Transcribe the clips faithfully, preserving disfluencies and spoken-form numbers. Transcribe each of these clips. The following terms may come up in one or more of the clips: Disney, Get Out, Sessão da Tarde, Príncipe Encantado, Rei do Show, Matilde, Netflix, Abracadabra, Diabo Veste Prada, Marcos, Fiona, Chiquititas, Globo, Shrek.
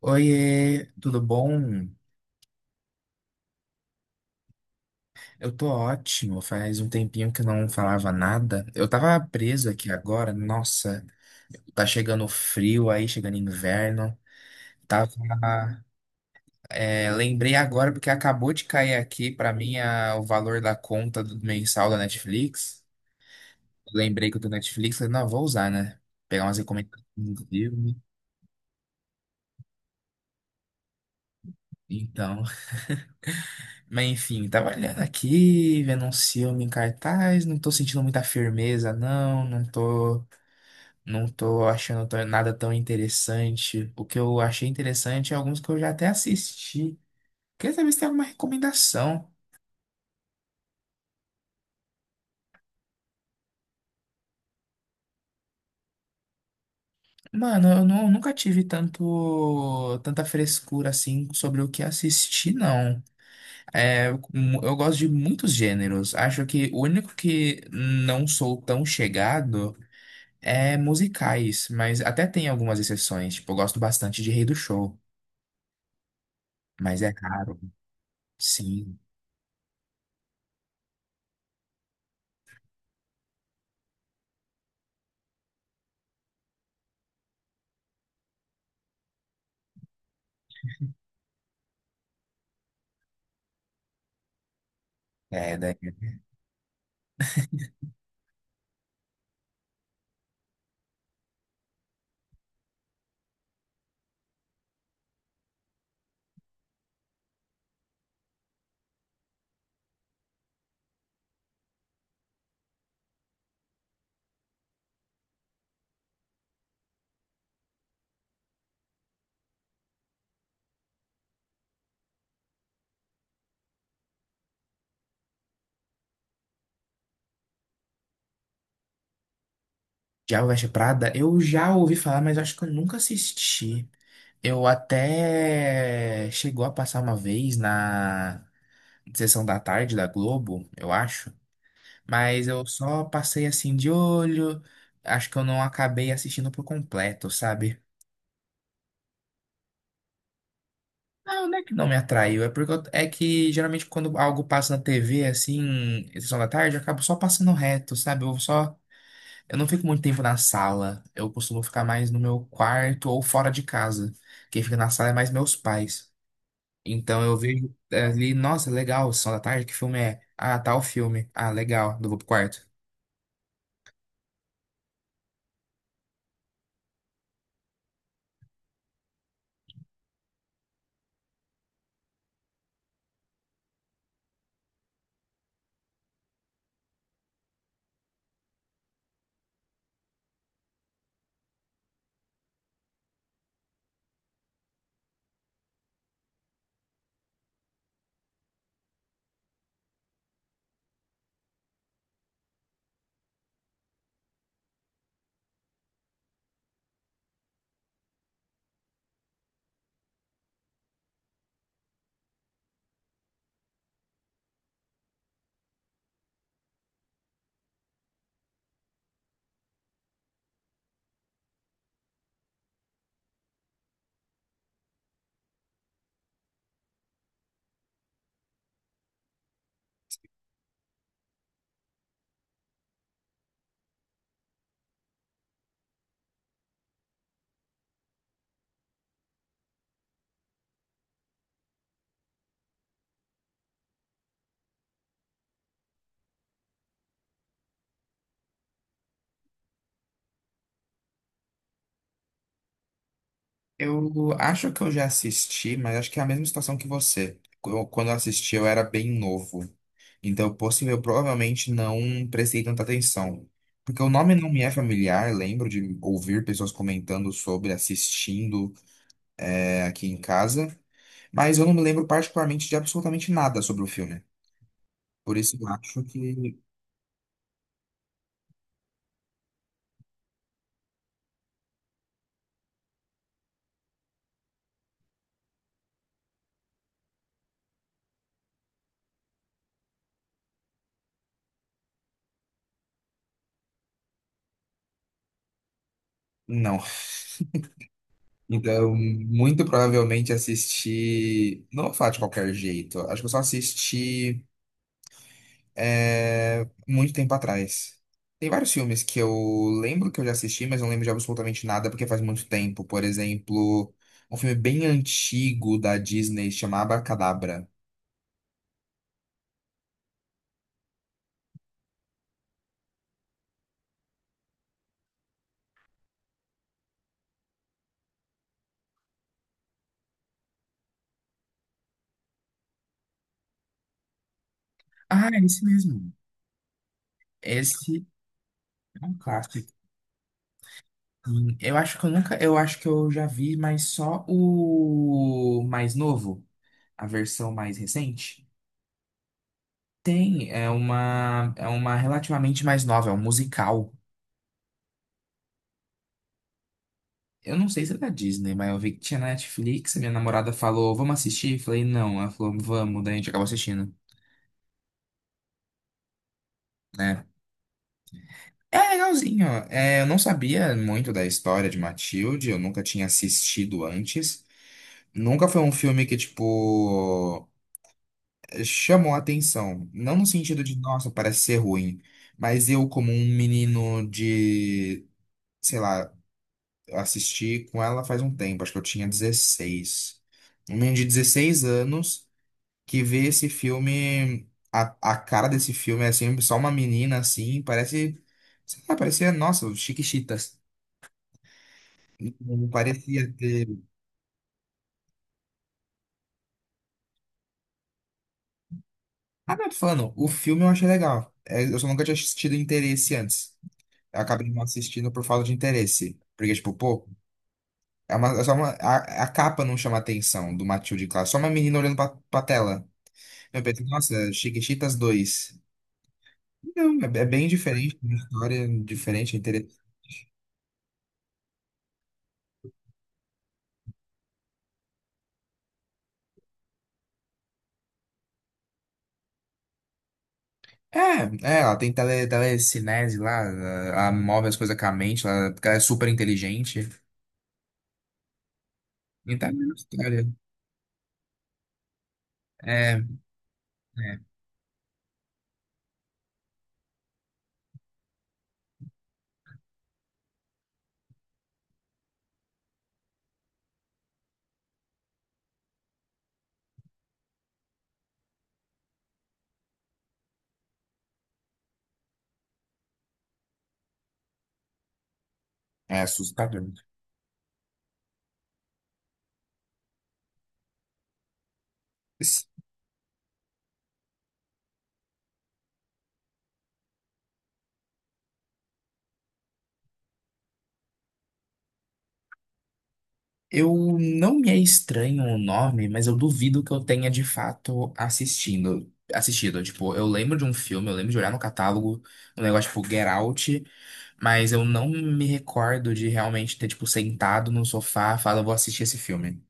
Oiê, tudo bom? Eu tô ótimo, faz um tempinho que eu não falava nada. Eu tava preso aqui agora, nossa, tá chegando frio aí, chegando inverno. Tava, é, lembrei agora porque acabou de cair aqui pra mim a- o valor da conta do mensal da Netflix. Lembrei que eu tô na Netflix, falei, não, vou usar, né? Pegar umas recomendações de filme. Então, mas enfim, tava olhando aqui, vendo um filme em cartaz, não tô sentindo muita firmeza, não, não tô. Não tô achando tão- nada tão interessante. O que eu achei interessante é alguns que eu já até assisti. Queria saber se tem alguma recomendação. Mano, eu nu- nunca tive tanto, tanta frescura assim sobre o que assistir, não. É, eu eu gosto de muitos gêneros. Acho que o único que não sou tão chegado é musicais, mas até tem algumas exceções. Tipo, eu gosto bastante de Rei do Show, mas é raro. Sim, é, Diabo Veste Prada, eu já ouvi falar, mas acho que eu nunca assisti. Eu até chegou a passar uma vez na sessão da tarde da Globo, eu acho, mas eu só passei assim de olho. Acho que eu não acabei assistindo por completo, sabe? Não, não é que não me atraiu, é porque eu- é que geralmente quando algo passa na T V assim, em sessão da tarde, eu acabo só passando reto, sabe? Eu só Eu não fico muito tempo na sala. Eu costumo ficar mais no meu quarto ou fora de casa. Quem fica na sala é mais meus pais. Então eu vejo, é, ali, nossa, legal, Sessão da Tarde, que filme é? Ah, tal filme. Ah, legal, eu vou pro quarto. Eu acho que eu já assisti, mas acho que é a mesma situação que você. Eu- quando eu assisti, eu era bem novo. Então, possível, eu provavelmente não prestei tanta atenção. Porque o nome não me é familiar, lembro de ouvir pessoas comentando sobre, assistindo, é, aqui em casa, mas eu não me lembro particularmente de absolutamente nada sobre o filme. Por isso eu acho que não. Então, muito provavelmente assisti. Não vou falar de qualquer jeito. Acho que eu só assisti é, muito tempo atrás. Tem vários filmes que eu lembro que eu já assisti, mas não lembro de absolutamente nada porque faz muito tempo. Por exemplo, um filme bem antigo da Disney chamado Abracadabra. Ah, é esse mesmo. Esse é um clássico. Hum, Eu acho que eu nunca, eu acho que eu já vi, mas só o mais novo, a versão mais recente. Tem, é uma, é uma relativamente mais nova, é um musical. Eu não sei se é da Disney, mas eu vi que tinha na Netflix, a minha namorada falou, vamos assistir? Eu falei, não. Ela falou, vamos, daí a gente acabou assistindo, né? É legalzinho. É, eu não sabia muito da história de Matilde, eu nunca tinha assistido antes. Nunca foi um filme que, tipo, chamou a atenção. Não no sentido de, nossa, parece ser ruim. Mas eu, como um menino de, sei lá, eu assisti com ela faz um tempo, acho que eu tinha dezesseis. Um menino de dezesseis anos que vê esse filme, a, a cara desse filme é assim, só uma menina assim, parece, sei lá, parecia, nossa, Chiquititas. Não parecia ter. Ah, não, tô falando, o filme eu achei legal. É, eu só nunca tinha assistido Interesse antes. Eu acabei não assistindo por falta de interesse. Porque, tipo, pô, É uma, é só uma, a, a capa não chama atenção do Matilde Clark, só uma menina olhando pra, pra tela. Eu pensei, nossa, Chiquititas dois. Não, é, é bem diferente, uma história diferente, interessante. É, é, ela tem tele, telecinese lá, ela move as coisas com a mente, ela, porque ela é super inteligente. Então é a mesma história. É, é, é assustador. Eu não, me é estranho o nome, mas eu duvido que eu tenha de fato assistindo, assistido. Tipo, eu lembro de um filme, eu lembro de olhar no catálogo, um negócio tipo Get Out, mas eu não me recordo de realmente ter tipo sentado no sofá, e falar, vou assistir esse filme.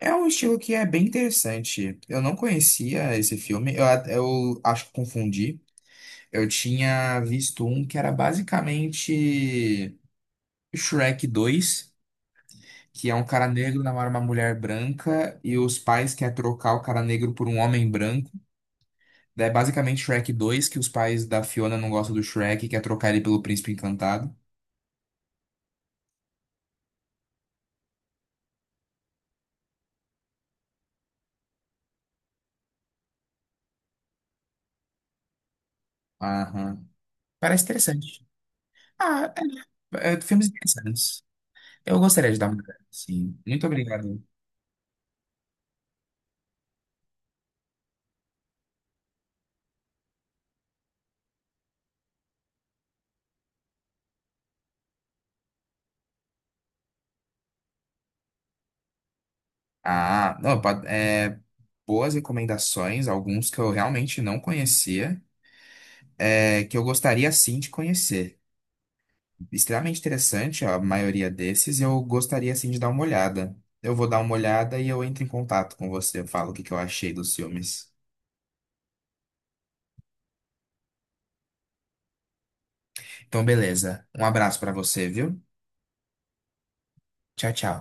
É um estilo que é bem interessante. Eu não conhecia esse filme, eu, a- eu acho que confundi. Eu tinha visto um que era basicamente Shrek dois, que é um cara negro namora uma mulher branca e os pais querem trocar o cara negro por um homem branco. Daí é basicamente Shrek dois, que os pais da Fiona não gostam do Shrek e quer trocar ele pelo Príncipe Encantado. Aham. Parece interessante. Ah, é, é, filmes interessantes. Eu gostaria de dar uma olhada, sim. Muito obrigado. Ah, não, pa- é, boas recomendações, alguns que eu realmente não conhecia, é, que eu gostaria sim de conhecer. Extremamente interessante a maioria desses e eu gostaria assim de dar uma olhada. Eu vou dar uma olhada e eu entro em contato com você, eu falo o que que eu achei dos filmes. Então, beleza. Um abraço pra você, viu? Tchau, tchau.